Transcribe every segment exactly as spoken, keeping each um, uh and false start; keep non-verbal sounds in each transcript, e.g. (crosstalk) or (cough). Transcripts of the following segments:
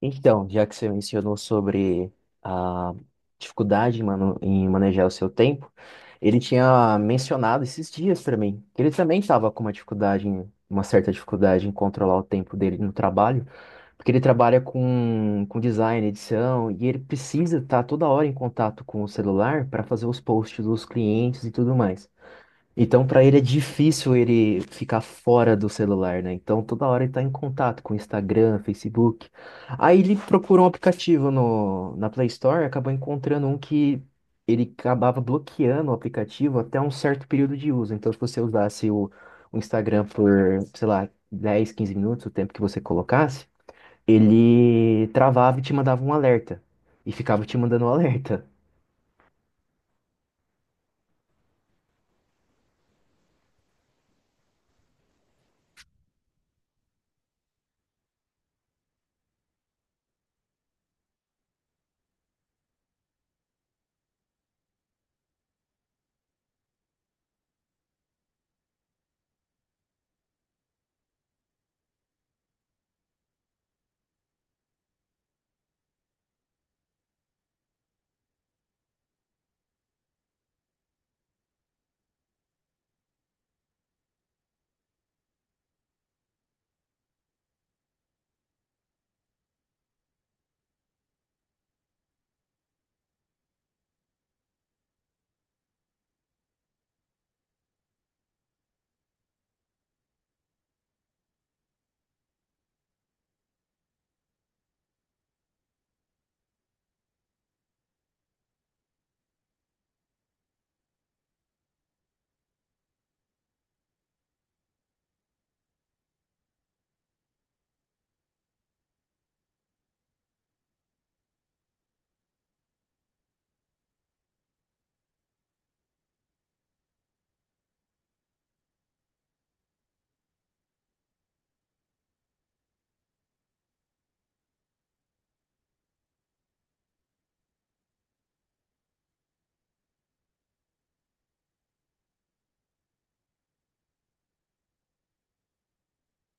Então, já que você mencionou sobre a dificuldade em, mano- em manejar o seu tempo, ele tinha mencionado esses dias para mim que ele também estava com uma dificuldade, em- uma certa dificuldade em controlar o tempo dele no trabalho, porque ele trabalha com, com design, edição, e ele precisa estar toda hora em contato com o celular para fazer os posts dos clientes e tudo mais. Então, para ele é difícil ele ficar fora do celular, né? Então, toda hora ele tá em contato com Instagram, Facebook. Aí ele procurou um aplicativo no, na Play Store e acabou encontrando um que ele acabava bloqueando o aplicativo até um certo período de uso. Então, se você usasse o, o Instagram por, sei lá, dez, quinze minutos, o tempo que você colocasse, ele travava e te mandava um alerta. E ficava te mandando um (laughs) alerta.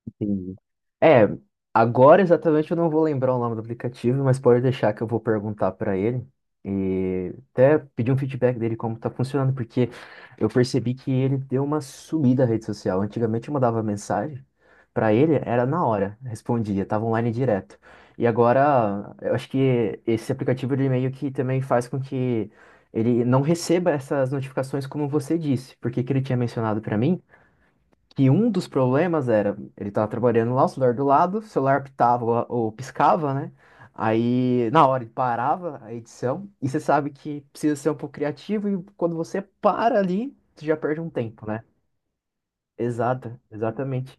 Entendi. É, agora exatamente eu não vou lembrar o nome do aplicativo, mas pode deixar que eu vou perguntar para ele e até pedir um feedback dele como tá funcionando, porque eu percebi que ele deu uma sumida na rede social. Antigamente eu mandava mensagem para ele, era na hora, respondia, tava online direto. E agora eu acho que esse aplicativo de e-mail que também faz com que ele não receba essas notificações como você disse, porque que ele tinha mencionado para mim que um dos problemas era, ele tava trabalhando lá, o celular do lado, o celular pitava ou piscava, né? Aí, na hora, ele parava a edição, e você sabe que precisa ser um pouco criativo, e quando você para ali, você já perde um tempo, né? Exato, exatamente.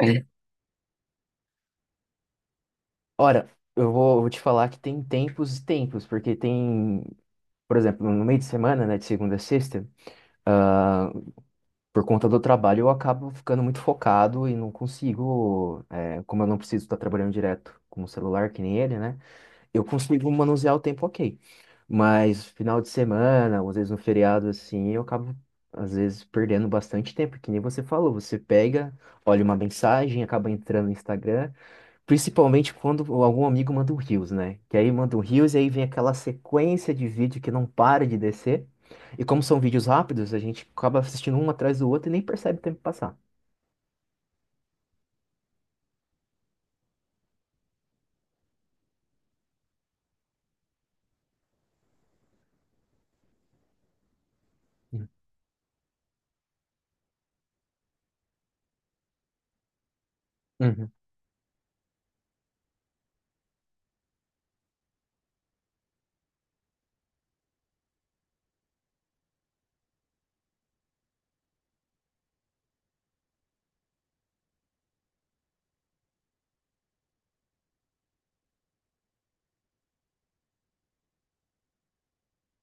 É. Ora, eu vou, vou te falar que tem tempos e tempos, porque tem, por exemplo, no meio de semana, né, de segunda a sexta, por conta do trabalho, eu acabo ficando muito focado e não consigo, é, como eu não preciso estar trabalhando direto com o celular, que nem ele, né? Eu consigo manusear o tempo ok. Mas final de semana, ou às vezes no feriado, assim, eu acabo, às vezes, perdendo bastante tempo, que nem você falou. Você pega, olha uma mensagem, acaba entrando no Instagram. Principalmente quando algum amigo manda um Reels, né? Que aí manda um Reels e aí vem aquela sequência de vídeo que não para de descer. E como são vídeos rápidos, a gente acaba assistindo um atrás do outro e nem percebe o tempo passar. Uhum,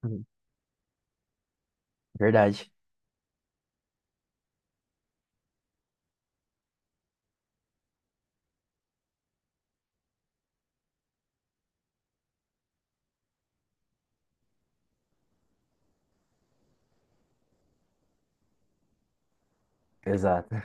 uhum. Verdade. Exato.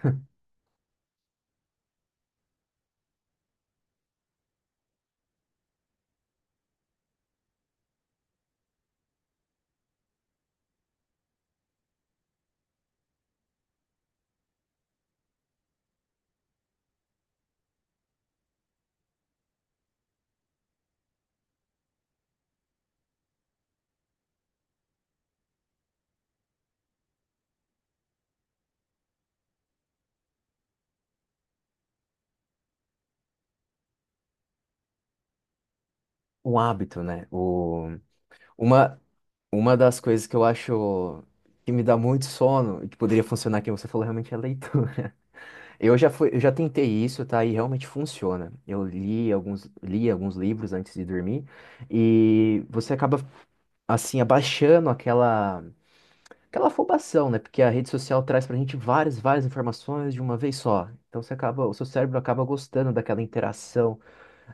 Um hábito, né? O... Uma, uma das coisas que eu acho que me dá muito sono e que poderia funcionar, que você falou, realmente é a leitura. Eu já fui, eu já tentei isso, tá? E realmente funciona. Eu li alguns, li alguns livros antes de dormir e você acaba assim abaixando aquela aquela afobação, né? Porque a rede social traz pra gente várias, várias informações de uma vez só. Então você acaba, o seu cérebro acaba gostando daquela interação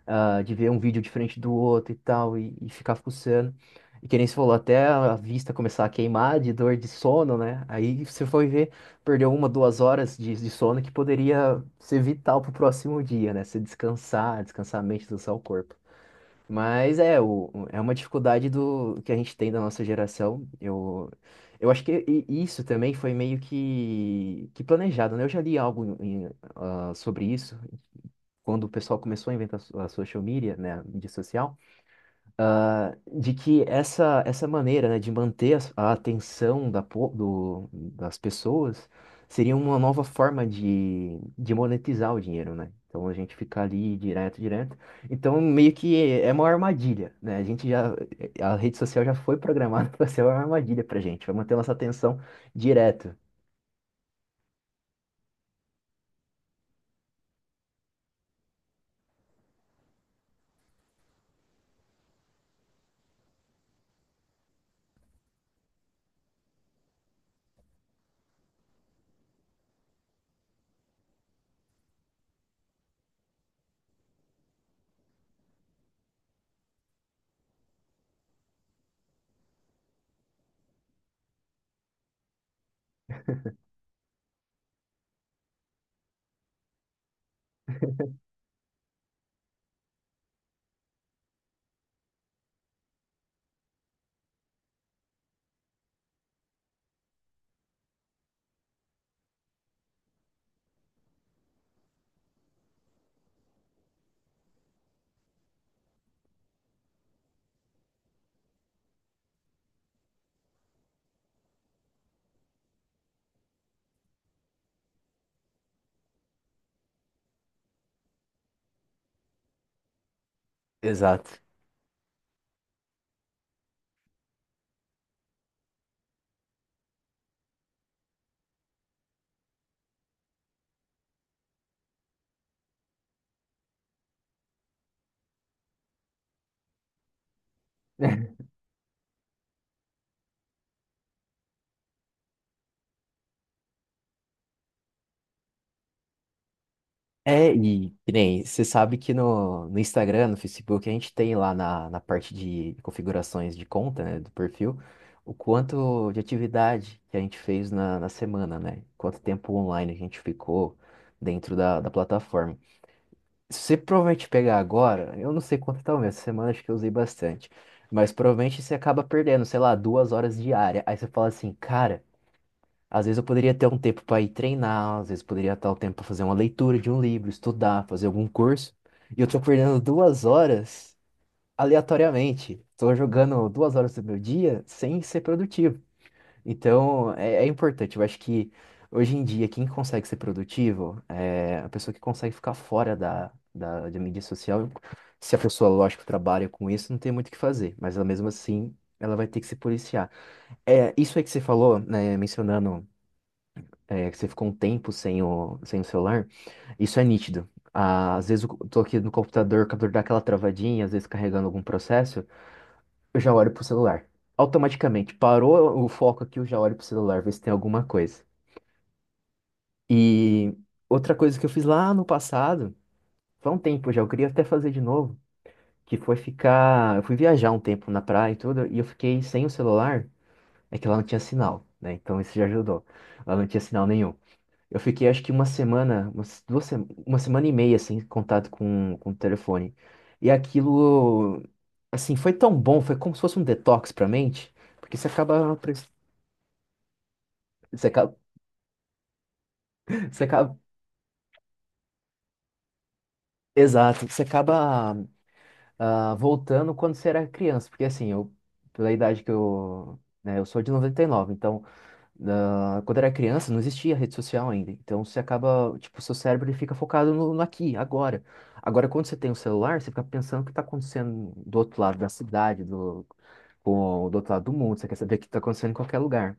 ah, de ver um vídeo diferente do outro e tal, e, e ficar fuçando. E que nem você falou, até a vista começar a queimar de dor de sono, né? Aí você foi ver, perdeu uma, duas horas de, de sono que poderia ser vital pro próximo dia, né? Você descansar, descansar a mente, descansar o corpo. Mas é, o, o- é uma dificuldade do que a gente tem da nossa geração. Eu, eu acho que i- isso também foi meio que, que planejado, né? Eu já li algo em- ah, sobre isso quando o pessoal começou a inventar so, a social media, né, a mídia social, ah, de que essa, essa maneira, né, de manter as- a atenção da, po- do- das pessoas seria uma nova forma de, de monetizar o dinheiro, né? Então a gente fica ali direto, direto. Então meio que é uma armadilha, né? A gente já, a rede social já foi programada (laughs) para ser uma armadilha pra gente, vai manter nossa atenção direto. Exato. (laughs) É, e que nem, você sabe que no, no Instagram, no Facebook, a gente tem lá na, na parte de configurações de conta, né, do perfil, o quanto de atividade que a gente fez na, na semana, né? Quanto tempo online a gente ficou dentro da, da plataforma. Se você provavelmente pegar agora, eu não sei quanto tá o meu, essa semana acho que eu usei bastante, mas provavelmente você acaba perdendo, sei lá, duas horas diárias. Aí você fala assim, cara. Às vezes eu poderia ter um tempo para ir treinar, às vezes poderia ter o tempo para fazer uma leitura de um livro, estudar, fazer algum curso. E eu tô perdendo duas horas aleatoriamente. Tô jogando duas horas do meu dia sem ser produtivo. Então é, é importante. Eu acho que hoje em dia quem consegue ser produtivo é a pessoa que consegue ficar fora da, da, da mídia social. Se a pessoa, lógico, trabalha com isso, não tem muito o que fazer. Mas ela mesmo assim, ela vai ter que se policiar. É, isso aí que você falou, né, mencionando é, que você ficou um tempo sem o, sem o celular, isso é nítido. Ah, às vezes eu tô aqui no computador, o computador dá aquela travadinha, às vezes carregando algum processo, eu já olho pro celular. Automaticamente, parou o foco aqui, eu já olho pro celular, ver se tem alguma coisa. E outra coisa que eu fiz lá no passado, faz um tempo já, eu queria até fazer de novo, que foi ficar. Eu fui viajar um tempo na praia e tudo, e eu fiquei sem o celular, é que lá não tinha sinal, né? Então isso já ajudou. Lá não tinha sinal nenhum. Eu fiquei acho que uma semana, umas duas, se- uma semana e meia sem contato com, com o telefone. E aquilo, assim, foi tão bom, foi como se fosse um detox pra mente, porque você acaba, pre- você acaba, (laughs) você acaba, exato, você acaba ah, voltando quando você era criança, porque assim, eu, pela idade que eu, né, eu sou de noventa e nove então da- quando era criança, não existia rede social ainda. Então você acaba, tipo, seu cérebro ele fica focado no, no aqui, agora. Agora, quando você tem o celular, você fica pensando o que está acontecendo do outro lado da cidade, do, com, do outro lado do mundo. Você quer saber o que está acontecendo em qualquer lugar,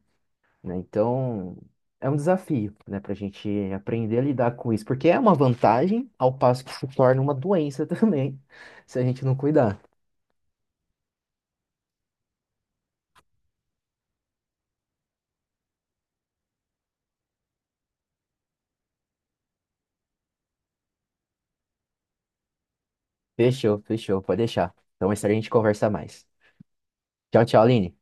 né? Então é um desafio, né, para a gente aprender a lidar com isso, porque é uma vantagem, ao passo que se torna uma doença (laughs) também, se a gente não cuidar. Fechou, fechou, pode deixar. Então, mais tarde a gente conversa mais. Tchau, tchau, Aline.